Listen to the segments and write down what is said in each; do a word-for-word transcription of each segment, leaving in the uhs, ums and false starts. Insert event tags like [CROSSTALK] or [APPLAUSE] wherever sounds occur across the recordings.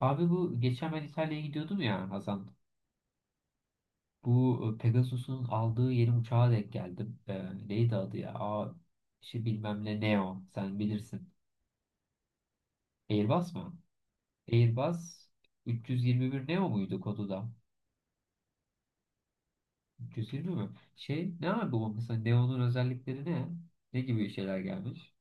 Abi bu geçen ben İtalya'ya gidiyordum ya Hasan. Bu e, Pegasus'un aldığı yeni uçağa denk geldim. E, neydi adı ya? Aa, şey bilmem ne Neo. Sen bilirsin. Airbus mu? Airbus üç yüz yirmi bir Neo muydu kodu da? üç yüz yirmi mi? Şey ne abi bu mesela Neo'nun özellikleri ne? Ne gibi şeyler gelmiş?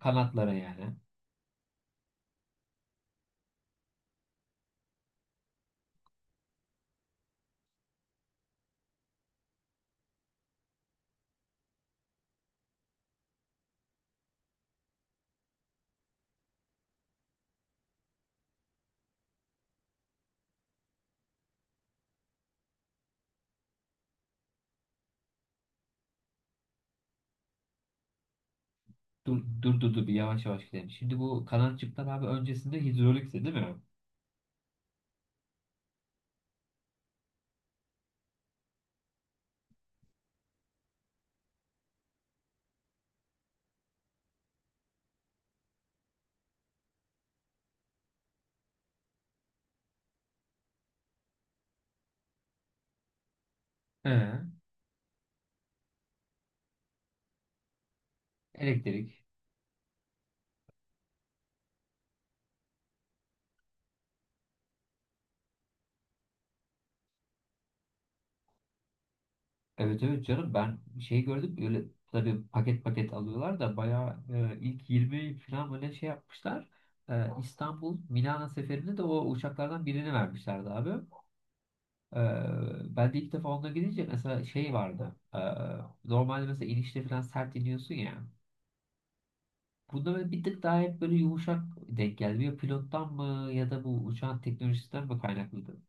Kanatlara yani. Dur dur dur, dur bir yavaş yavaş gidelim. Şimdi bu kanatçıklar abi öncesinde hidrolikti değil mi? He. Elektrik. Evet evet canım, ben şey gördüm, öyle tabii paket paket alıyorlar da bayağı e, ilk yirmi falan böyle şey yapmışlar. E, İstanbul Milano seferinde de o uçaklardan birini vermişlerdi abi. E, Ben de ilk defa onunla gidince mesela şey vardı. E, normalde mesela inişte falan sert iniyorsun ya. Bunda böyle bir tık daha hep böyle yumuşak denk geldi. Ya pilottan mı ya da bu uçağın teknolojisinden mi kaynaklıydı?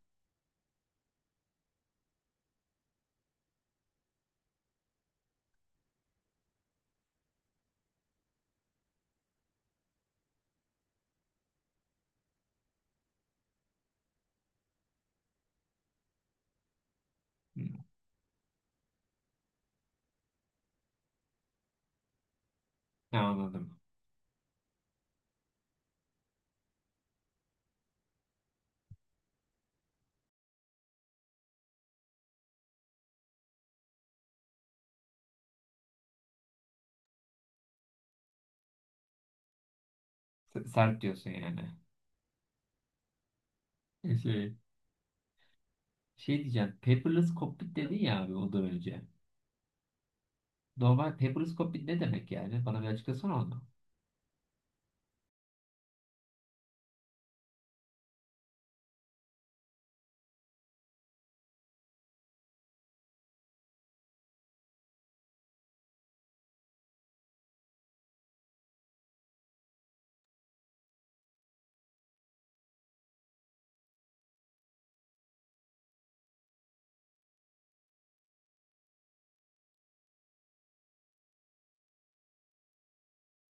Hmm, ne anladım. S- Sert diyorsun yani. Şey, şey diyeceğim. Paperless cockpit dedin ya abi ondan önce. Normal paperless cockpit ne demek yani? Bana bir açıklasana onu.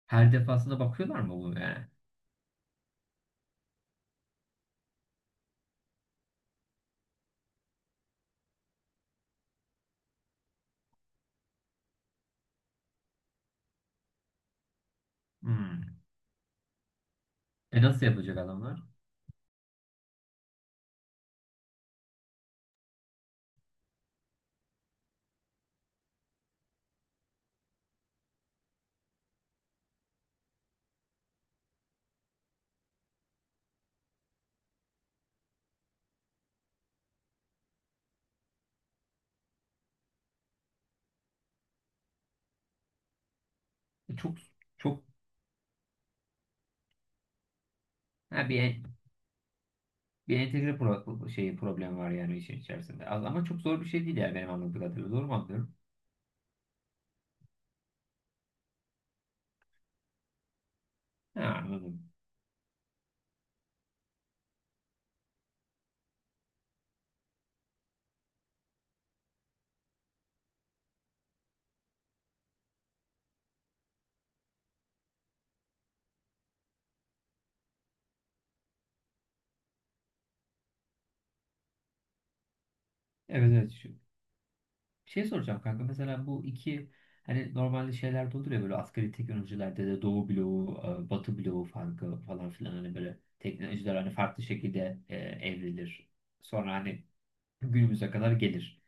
Her defasında bakıyorlar mı bunu yani? Hmm. E nasıl yapacak adamlar? E çok çok ha bir en- bir entegre pro şey problem var yani işin içerisinde. Az- Ama çok zor bir şey değil yani benim anladığım kadarıyla. Doğru mu anlıyorum? Ha, anladım. Evet, evet. Şey soracağım kanka, mesela bu iki, hani normalde şeylerde olur ya böyle asgari teknolojilerde de Doğu bloğu, e, Batı bloğu farkı falan filan, hani böyle teknolojiler hani farklı şekilde e, evrilir. Sonra hani günümüze kadar gelir.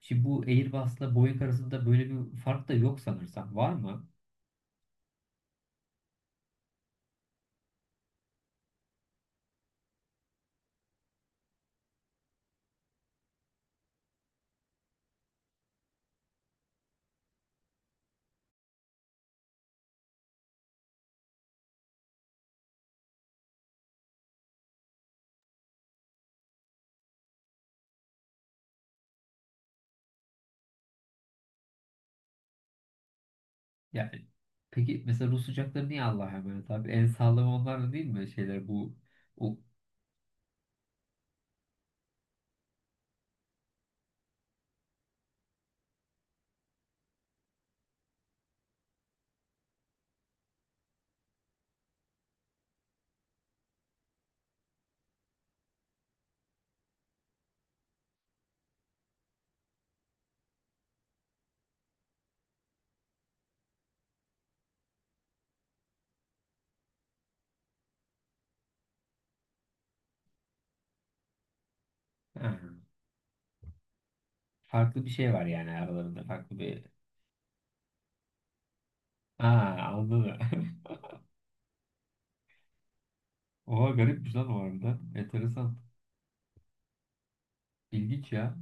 Şimdi bu Airbus'la Boeing arasında böyle bir fark da yok sanırsam. Var mı? Yani peki mesela Rus uçakları niye Allah'a emanet abi? En sağlam onlar da değil mi şeyler bu o? Ha, farklı bir şey var yani aralarında, farklı bir... Aa, anladım. [LAUGHS] Oha garipmiş lan o arada. Enteresan. İlginç ya.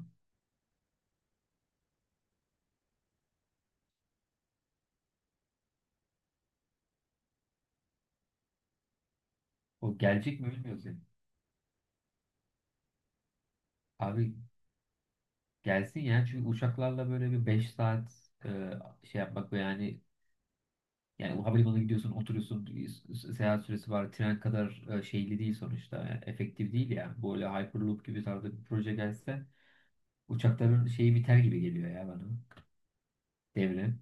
O gelecek mi bilmiyoruz yani. Abi gelsin ya, çünkü uçaklarla böyle bir beş saat e, şey yapmak ve yani, yani o havalimanına gidiyorsun, oturuyorsun, s- seyahat süresi var. Tren kadar e, şeyli değil sonuçta. Yani efektif değil ya. Böyle Hyperloop gibi tarzda bir proje gelse uçakların şeyi biter gibi geliyor ya bana. Devre.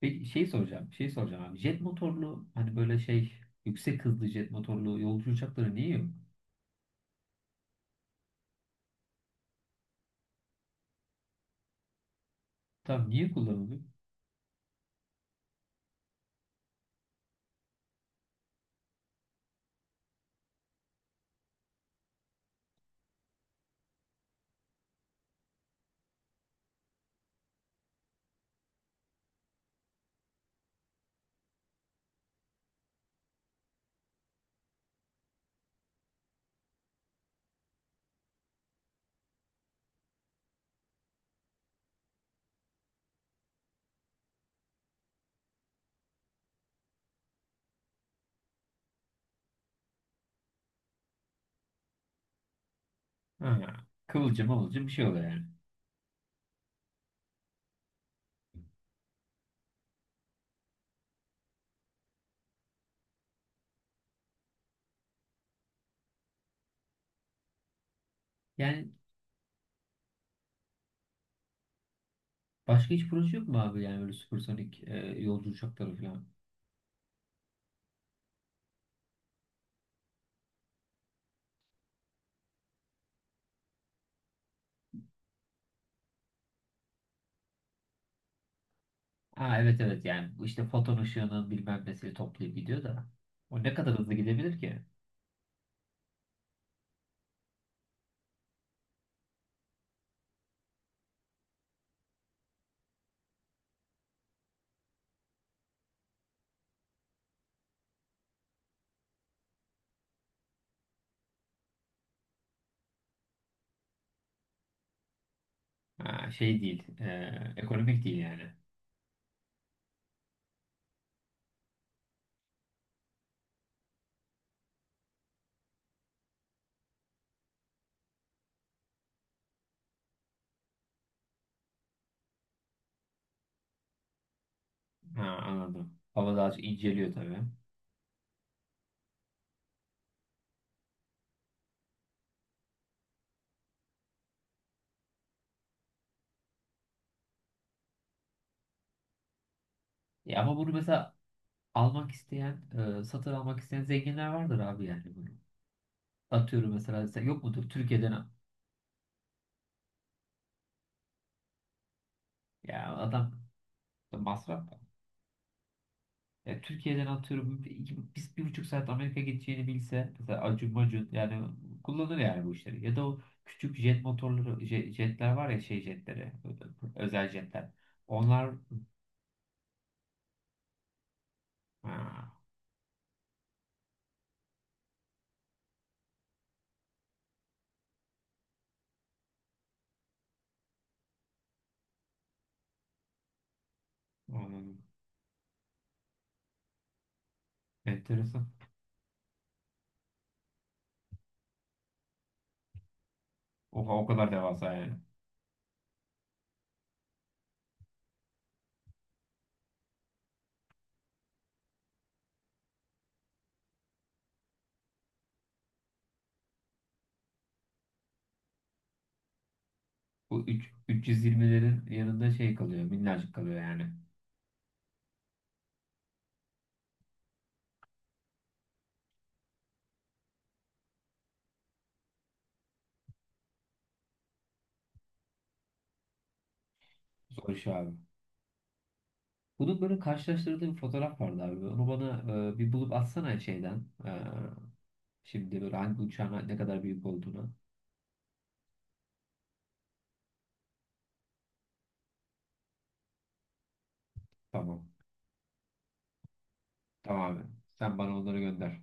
Peki şey soracağım. Şey soracağım abi. Jet motorlu hani böyle şey yüksek hızlı jet motorlu yolcu uçakları niye yok? Tamam niye kullanılıyor? Ha, kıvılcım mıvılcım bir şey oluyor yani. Yani başka hiç proje yok mu abi, yani böyle süpersonik e, yolcu uçakları falan? Ha, evet evet, yani bu işte foton ışığının bilmem nesini toplayıp gidiyor da. O ne kadar hızlı gidebilir ki? Ha, şey değil, e, ekonomik değil yani. Ha, anladım. Hava daha çok inceliyor tabii. Ya ama bunu mesela almak isteyen, e, satın almak isteyen zenginler vardır abi yani bunu. Atıyorum mesela sen- yok mudur Türkiye'den? Ya adam, masraf. Ya Türkiye'den atıyorum iki- biz bir buçuk saat Amerika gideceğini bilse, mesela Acun Macun yani kullanır yani bu işleri. Ya da o küçük jet motorları, je- jetler var ya, şey jetleri, ö- özel jetler. Onlar ha, anladım. Enteresan. Oha, o kadar devasa yani. Bu üç- 320'lerin yanında şey kalıyor, minnacık kalıyor yani. Zor iş abi. Bunun böyle karşılaştırdığı bir fotoğraf vardı abi. Onu bana e, bir bulup atsana şeyden. E, şimdi böyle hangi uçağın ne kadar büyük olduğunu. Tamam. Tamam abi. Sen bana onları gönder.